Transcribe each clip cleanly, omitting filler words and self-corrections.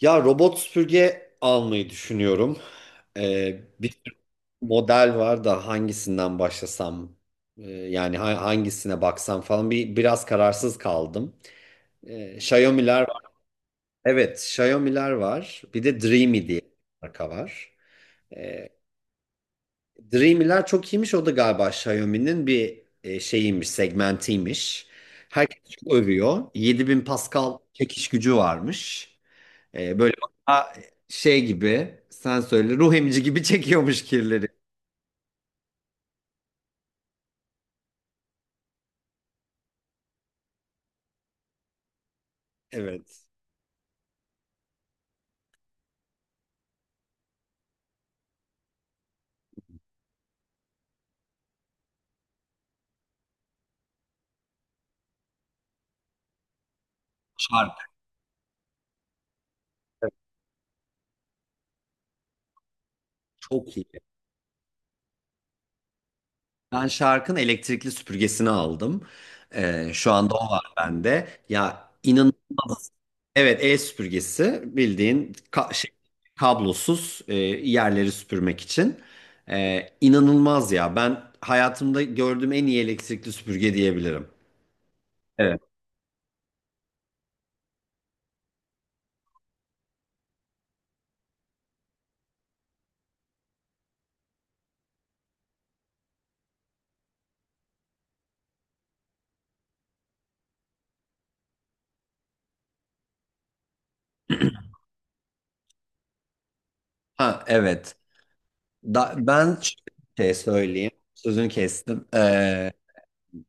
Ya robot süpürge almayı düşünüyorum. Bir sürü model var da hangisinden başlasam yani hangisine baksam falan biraz kararsız kaldım. Xiaomi'ler var. Evet, Xiaomi'ler var. Bir de Dreamy diye bir marka var. Ee, Dreamy'ler çok iyiymiş. O da galiba Xiaomi'nin bir şeyiymiş, segmentiymiş. Herkes çok övüyor. 7000 Pascal çekiş gücü varmış. Böyle bana şey gibi, sen söyle, ruh emici gibi çekiyormuş kirleri. Evet. Şarkı çok iyi. Ben şarkın elektrikli süpürgesini aldım. Şu anda o var bende. Ya inanılmaz. Evet, el süpürgesi, bildiğin şey, kablosuz, yerleri süpürmek için. İnanılmaz ya. Ben hayatımda gördüğüm en iyi elektrikli süpürge diyebilirim. Evet. Ha, evet. Da, ben şey söyleyeyim. Sözünü kestim. Ee,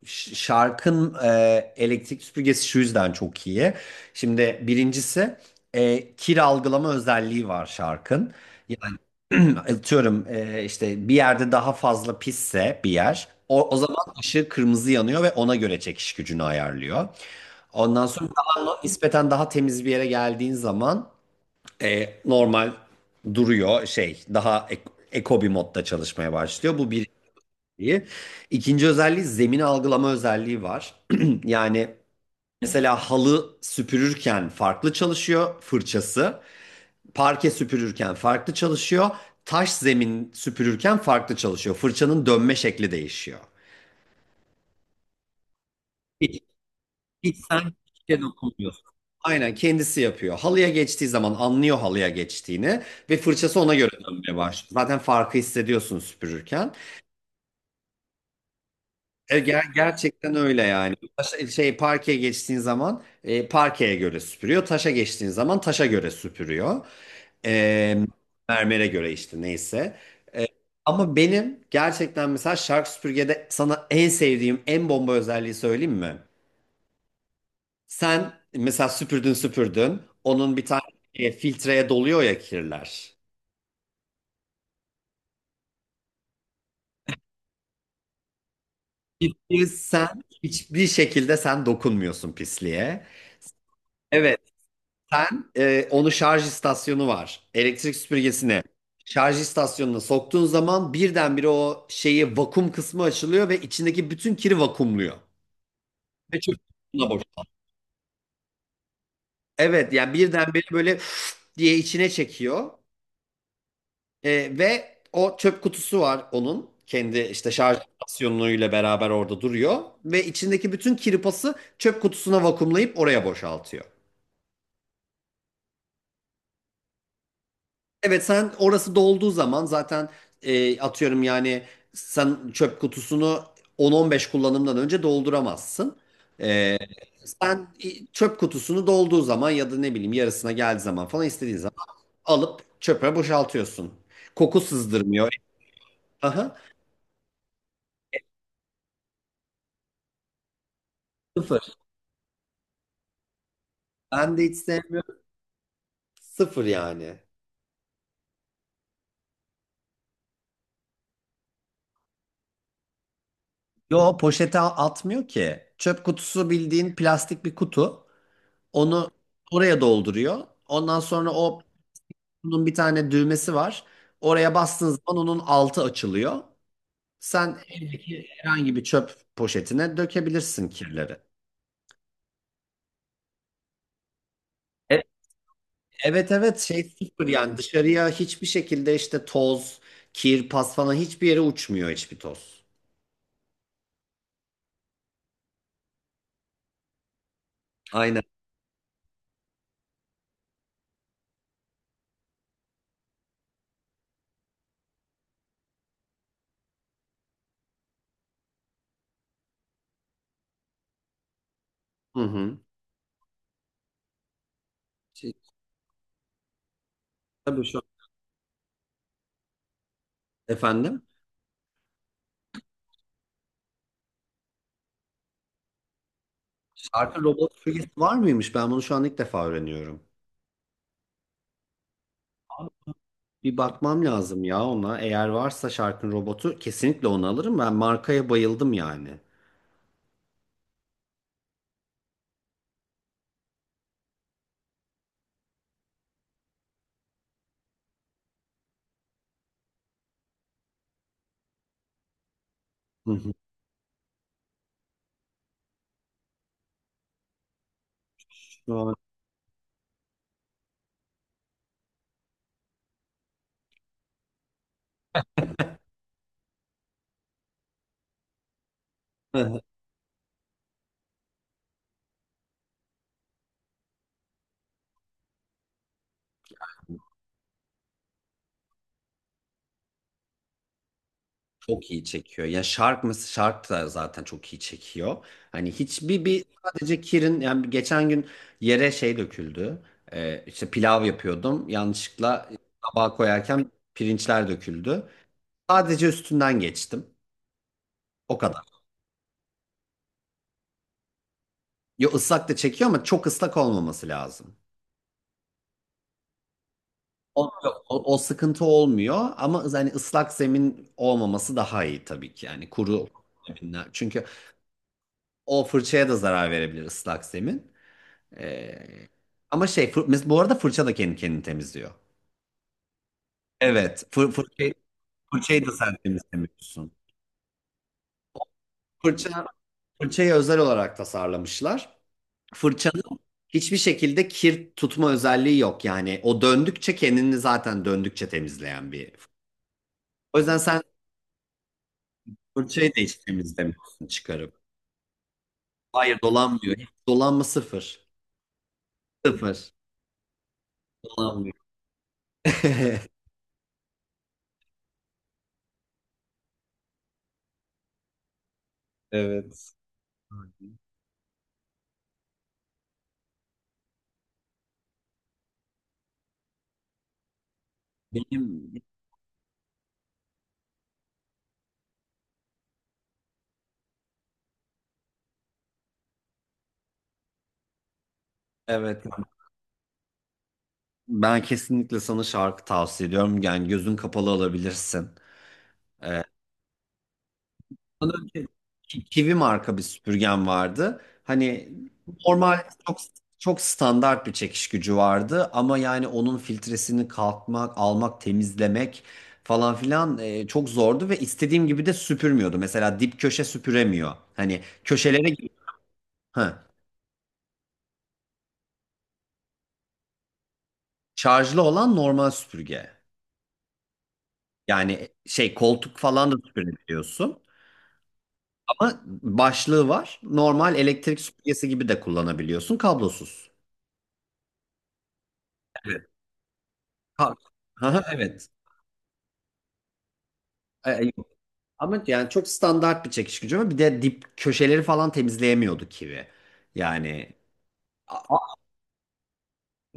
ş- Şarkın elektrik süpürgesi şu yüzden çok iyi. Şimdi birincisi kir algılama özelliği var şarkın. Yani atıyorum, işte bir yerde daha fazla pisse bir yer, o zaman ışığı kırmızı yanıyor ve ona göre çekiş gücünü ayarlıyor. Ondan sonra nispeten daha temiz bir yere geldiğin zaman normal duruyor, şey, daha eko bir modda çalışmaya başlıyor. Bu bir özelliği. İkinci özelliği, zemini algılama özelliği var. Yani mesela halı süpürürken farklı çalışıyor fırçası. Parke süpürürken farklı çalışıyor. Taş zemin süpürürken farklı çalışıyor. Fırçanın dönme şekli değişiyor. Hiç sen Hiçe dokunmuyorsun. Aynen kendisi yapıyor. Halıya geçtiği zaman anlıyor halıya geçtiğini ve fırçası ona göre dönmeye başlıyor. Zaten farkı hissediyorsun süpürürken. Gerçekten öyle yani. Şey, parkeye geçtiğin zaman, parkeye göre süpürüyor. Taşa geçtiğin zaman taşa göre süpürüyor. E, Mermere göre, işte neyse. E, Ama benim gerçekten mesela Shark süpürgede sana en sevdiğim, en bomba özelliği söyleyeyim mi? Sen mesela süpürdün süpürdün. Onun bir tane filtreye doluyor ya kirler. Pisliği sen hiçbir şekilde, sen dokunmuyorsun pisliğe. Evet, sen onu, şarj istasyonu var. Elektrik süpürgesine, şarj istasyonuna soktuğun zaman birdenbire o şeyi, vakum kısmı açılıyor ve içindeki bütün kiri vakumluyor. Ve çöp kutusuna boşaltıyor. Evet, yani birdenbire böyle diye içine çekiyor. Ve o çöp kutusu var onun. Kendi, işte şarj istasyonuyla beraber orada duruyor. Ve içindeki bütün kirpası çöp kutusuna vakumlayıp oraya boşaltıyor. Evet, sen orası dolduğu zaman zaten, atıyorum yani, sen çöp kutusunu 10-15 kullanımdan önce dolduramazsın. E, Çöp kutusunu dolduğu zaman ya da ne bileyim yarısına geldiği zaman falan, istediğin zaman alıp çöpe boşaltıyorsun. Koku sızdırmıyor. Aha. Sıfır. Ben de hiç sevmem. Sıfır yani. Yo, poşete atmıyor ki. Çöp kutusu, bildiğin plastik bir kutu. Onu oraya dolduruyor. Ondan sonra o kutunun bir tane düğmesi var. Oraya bastığın zaman onun altı açılıyor. Sen evdeki herhangi bir çöp poşetine dökebilirsin kirleri. E- Evet, evet, şey, sıfır yani. Dışarıya hiçbir şekilde, işte toz, kir, pas falan, hiçbir yere uçmuyor hiçbir toz. Aynen. Hı hı. Şey, tabii şu efendim. Artı Roblox Free'si var mıymış? Ben bunu şu an ilk defa öğreniyorum. Bir bakmam lazım ya ona. Eğer varsa şarkın robotu, kesinlikle onu alırım. Ben markaya bayıldım yani. Hı hı. Şu an çok iyi çekiyor. Ya şark mı? Shark da zaten çok iyi çekiyor. Hani hiçbir, bir sadece Kirin yani, geçen gün yere şey döküldü. İşte pilav yapıyordum. Yanlışlıkla tabağa koyarken pirinçler döküldü. Sadece üstünden geçtim. O kadar. Yo, ıslak da çekiyor ama çok ıslak olmaması lazım. Olmuyor. O sıkıntı olmuyor ama yani ıslak zemin olmaması daha iyi tabii ki, yani kuru zeminler. Çünkü o fırçaya da zarar verebilir ıslak zemin. Ee, Ama şey, bu arada fırça da kendi kendini temizliyor. Evet, fırçayı, fırçayı da sen temizlemiyorsun. Fırça, Fırçayı özel olarak tasarlamışlar. Fırçanın hiçbir şekilde kir tutma özelliği yok, yani o döndükçe kendini, zaten döndükçe temizleyen bir. O yüzden sen fırçayı da hiç temizlemiyorsun çıkarıp. Hayır, dolanmıyor. Dolanma sıfır. Sıfır. Dolanmıyor. Evet. Benim evet Ben kesinlikle sana şarkı tavsiye ediyorum. Yani gözün kapalı alabilirsin. Ee, Ondan önce Kivi marka bir süpürgem vardı. Hani normal, çok çok standart bir çekiş gücü vardı ama yani onun filtresini kalkmak, almak, temizlemek falan filan, çok zordu ve istediğim gibi de süpürmüyordu. Mesela dip köşe süpüremiyor. Hani köşelere. Ha, şarjlı olan normal süpürge. Yani şey, koltuk falan da süpürebiliyorsun. Ama başlığı var. Normal elektrik süpürgesi gibi de kullanabiliyorsun. Kablosuz. Evet. Ha, ha, evet. Yok. Ama yani çok standart bir çekiş gücü var. Bir de dip köşeleri falan temizleyemiyordu kivi. Yani a- a-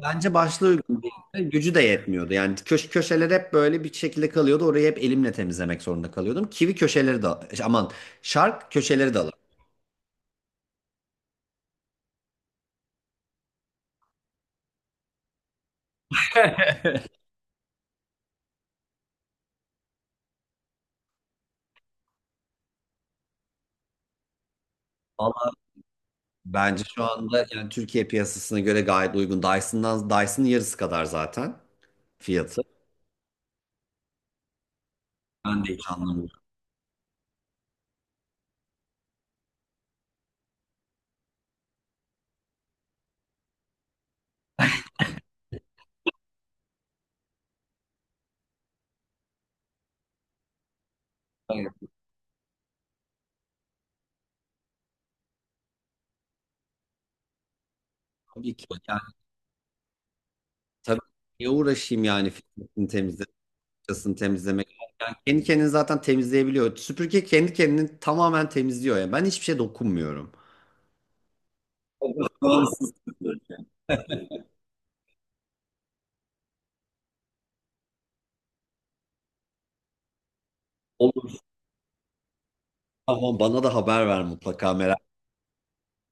bence başlığı uygun değil. Gücü de yetmiyordu. Yani köşeler hep böyle bir şekilde kalıyordu. Orayı hep elimle temizlemek zorunda kalıyordum. Kivi köşeleri de, aman, şark köşeleri de alır. Valla bence şu anda yani Türkiye piyasasına göre gayet uygun. Dyson'dan, Dyson'ın yarısı kadar zaten fiyatı. Ben de hiç anlamıyorum. Hayır, tabii ki. Yani tabii, niye uğraşayım yani, filtresini temizle, fırçasını temizlemek. Yani kendi kendini zaten temizleyebiliyor. Süpürge kendi kendini tamamen temizliyor. Yani ben hiçbir şey dokunmuyorum. Tamam. Olur, tamam, bana da haber ver mutlaka, merak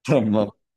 etme. Tamam.